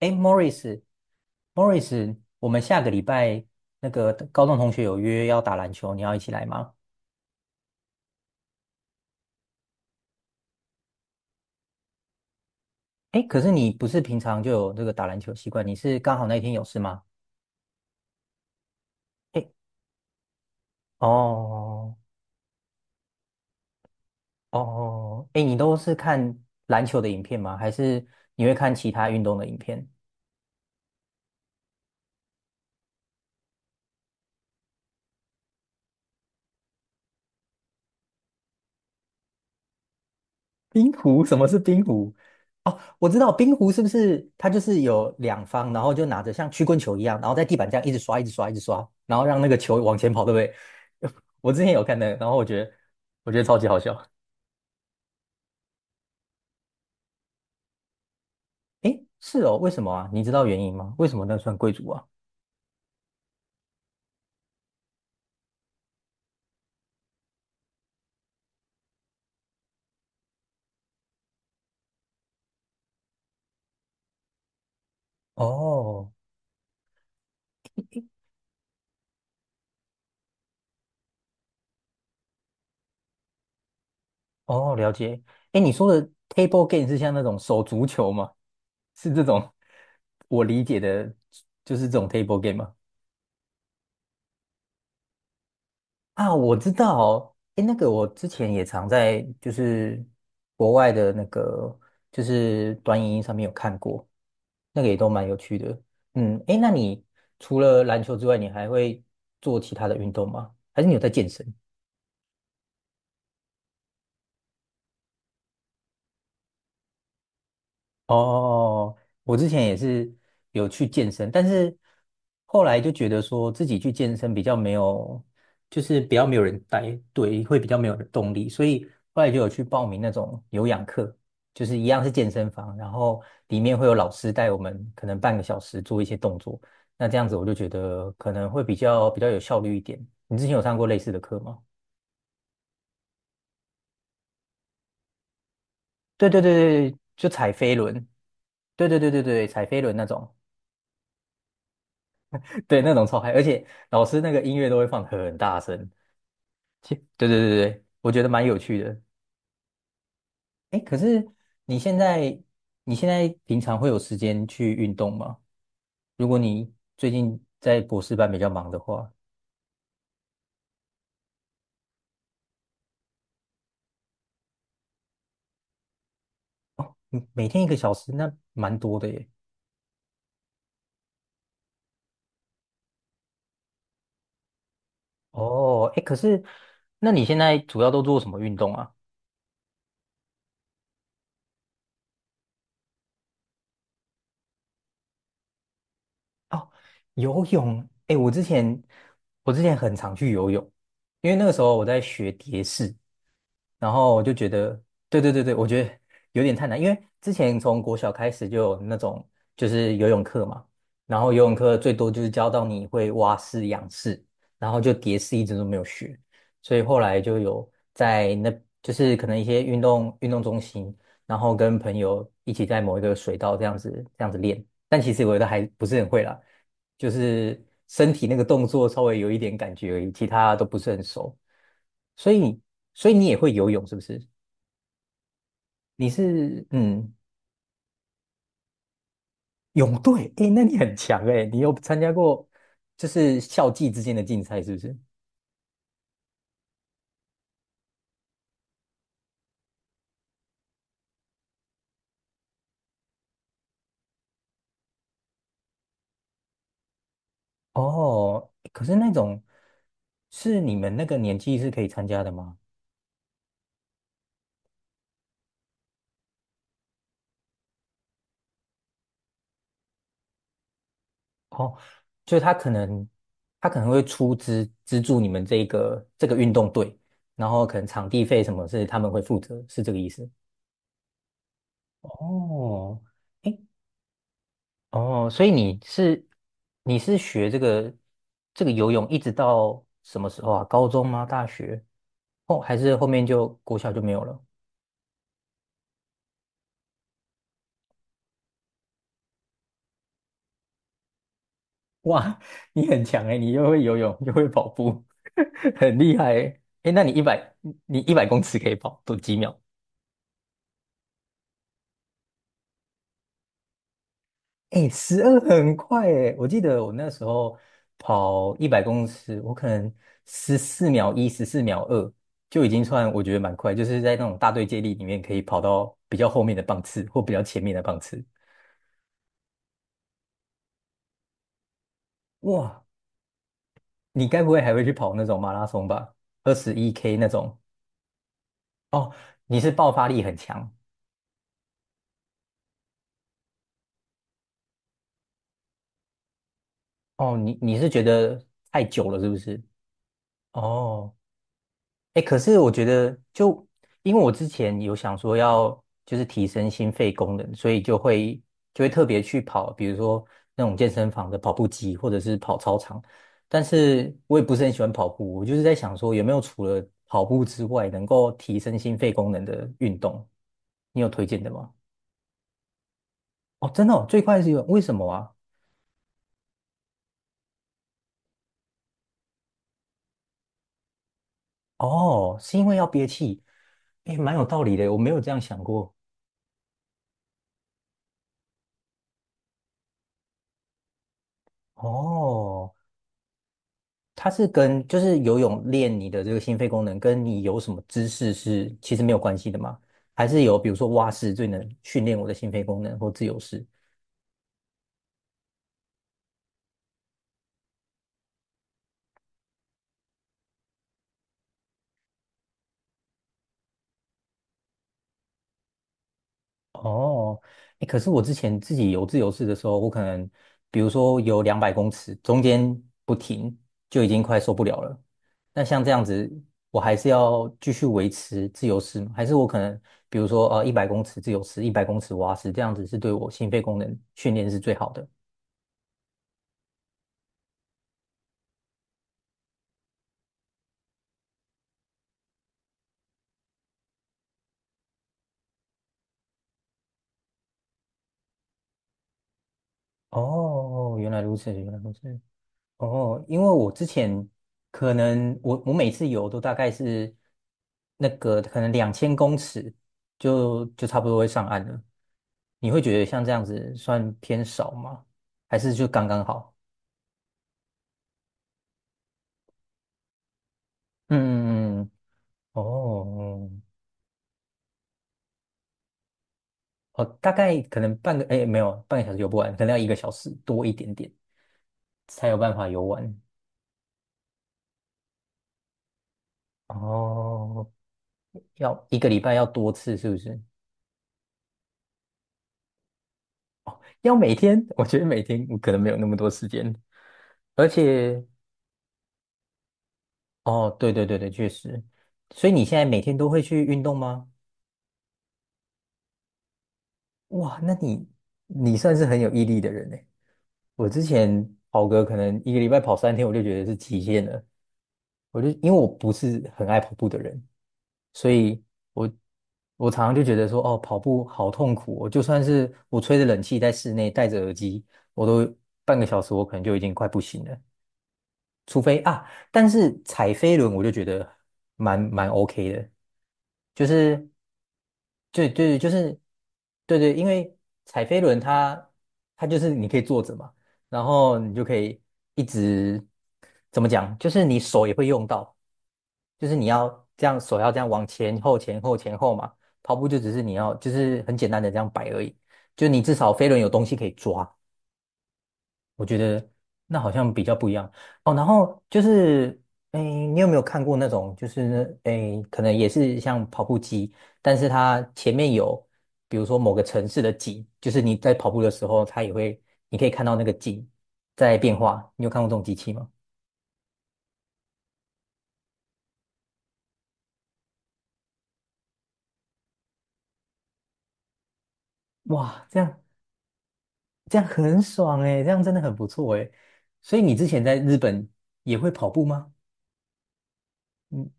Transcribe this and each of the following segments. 哎，Morris，Morris，我们下个礼拜那个高中同学有约要打篮球，你要一起来吗？哎，可是你不是平常就有这个打篮球习惯，你是刚好那一天有事吗？哎，哦哦，哎，你都是看篮球的影片吗？还是你会看其他运动的影片？冰壶？什么是冰壶？哦，我知道冰壶是不是它就是有两方，然后就拿着像曲棍球一样，然后在地板这样一直刷，一直刷，一直刷，然后让那个球往前跑，对不对？我之前有看那个，然后我觉得超级好笑。诶，是哦，为什么啊？你知道原因吗？为什么那算贵族啊？哦哦，了解。诶，你说的 table game 是像那种手足球吗？是这种我理解的，就是这种 table game 吗？啊，我知道，诶，那个我之前也常在就是国外的那个就是短影音上面有看过，那个也都蛮有趣的。嗯，诶，那你除了篮球之外，你还会做其他的运动吗？还是你有在健身？哦，哦哦我之前也是有去健身，但是后来就觉得说自己去健身比较没有，就是比较没有人带，对，会比较没有动力，所以后来就有去报名那种有氧课，就是一样是健身房，然后里面会有老师带我们，可能半个小时做一些动作，那这样子我就觉得可能会比较有效率一点。你之前有上过类似的课吗？对对对对，就踩飞轮，对对对对对，踩飞轮那种。对，那种超嗨，而且老师那个音乐都会放很大声。对对对对，我觉得蛮有趣的。哎，可是你现在你现在平常会有时间去运动吗？如果你最近在博士班比较忙的话，嗯每天一个小时那蛮多的耶。哦，哎，可是那你现在主要都做什么运动啊？哦，游泳。哎，我之前很常去游泳，因为那个时候我在学蝶式。然后我就觉得，对对对对，我觉得有点太难，因为之前从国小开始就有那种就是游泳课嘛，然后游泳课最多就是教到你会蛙式、仰式，然后就蝶式一直都没有学，所以后来就有在那就是可能一些运动中心，然后跟朋友一起在某一个水道这样子练，但其实我觉得还不是很会啦，就是身体那个动作稍微有一点感觉而已，其他都不是很熟。所以，所以你也会游泳是不是？你是泳队，诶，那你很强诶，你有参加过就是校际之间的竞赛是不是？哦，可是那种是你们那个年纪是可以参加的吗？哦，就他可能他可能会出资资助你们这个运动队，然后可能场地费什么是他们会负责，是这个意思哦，诶，哦，所以你是学这个游泳一直到什么时候啊？高中吗？大学？哦，还是后面就国小就没有了？哇，你很强诶，你又会游泳又会跑步，很厉害诶。诶，那你100公尺可以跑多几秒？哎，十二很快哎！我记得我那时候跑一百公尺，我可能十四秒一、十四秒二就已经算我觉得蛮快，就是在那种大队接力里面可以跑到比较后面的棒次或比较前面的棒次。哇，你该不会还会去跑那种马拉松吧？21K 那种？哦，你是爆发力很强哦，你你是觉得太久了是不是？哦，哎，可是我觉得就，因为我之前有想说要就是提升心肺功能，所以就会就会特别去跑，比如说那种健身房的跑步机，或者是跑操场。但是我也不是很喜欢跑步，我就是在想说有没有除了跑步之外，能够提升心肺功能的运动，你有推荐的吗？哦，真的哦，最快是有，为什么啊？哦，是因为要憋气，哎，蛮有道理的，我没有这样想过。哦，它是跟就是游泳练你的这个心肺功能，跟你有什么姿势是其实没有关系的吗？还是有比如说蛙式最能训练我的心肺功能，或自由式？哦，欸可是我之前自己游自由式的时候，我可能比如说游200公尺，中间不停就已经快受不了了。那像这样子，我还是要继续维持自由式吗？还是我可能比如说一百公尺自由式，一百公尺蛙式，这样子是对我心肺功能训练是最好的？哦，哦哦原来如此，原来如此。哦，因为我之前可能我每次游都大概是那个可能2000公尺就差不多会上岸了。你会觉得像这样子算偏少吗？还是就刚刚好？嗯，嗯嗯哦，哦，大概可能半个，哎，没有，半个小时游不完，可能要一个小时多一点点才有办法游完。哦，要一个礼拜要多次，是不是？要每天，我觉得每天我可能没有那么多时间，而且，哦，对对对对，确实。所以你现在每天都会去运动吗？哇，那你你算是很有毅力的人呢。我之前跑个可能一个礼拜跑三天，我就觉得是极限了。我就因为我不是很爱跑步的人，所以我我常常就觉得说，哦，跑步好痛苦哦。我就算是我吹着冷气在室内，戴着耳机，我都半个小时，我可能就已经快不行了。除非啊，但是踩飞轮我就觉得蛮 OK 的，就是对对就是对对，因为踩飞轮它就是你可以坐着嘛，然后你就可以一直怎么讲，就是你手也会用到，就是你要这样手要这样往前后前后前后嘛，跑步就只是你要就是很简单的这样摆而已，就你至少飞轮有东西可以抓。我觉得那好像比较不一样哦。然后就是，哎，你有没有看过那种，就是哎，可能也是像跑步机，但是它前面有，比如说某个城市的景，就是你在跑步的时候，它也会，你可以看到那个景在变化。你有看过这种机器吗？哇，这样这样很爽哎，这样真的很不错哎。所以你之前在日本也会跑步吗？嗯，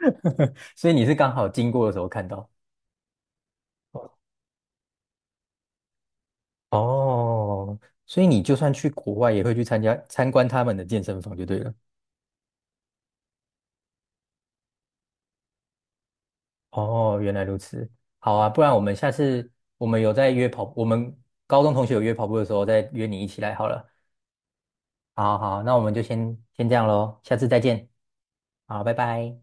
所以你是刚好经过的时候看到。哦，所以你就算去国外，也会去参加参观他们的健身房就对了。哦，原来如此。好啊，不然我们下次我们有在约跑，我们高中同学有约跑步的时候，再约你一起来好了。好好，那我们就先这样喽，下次再见。好，拜拜。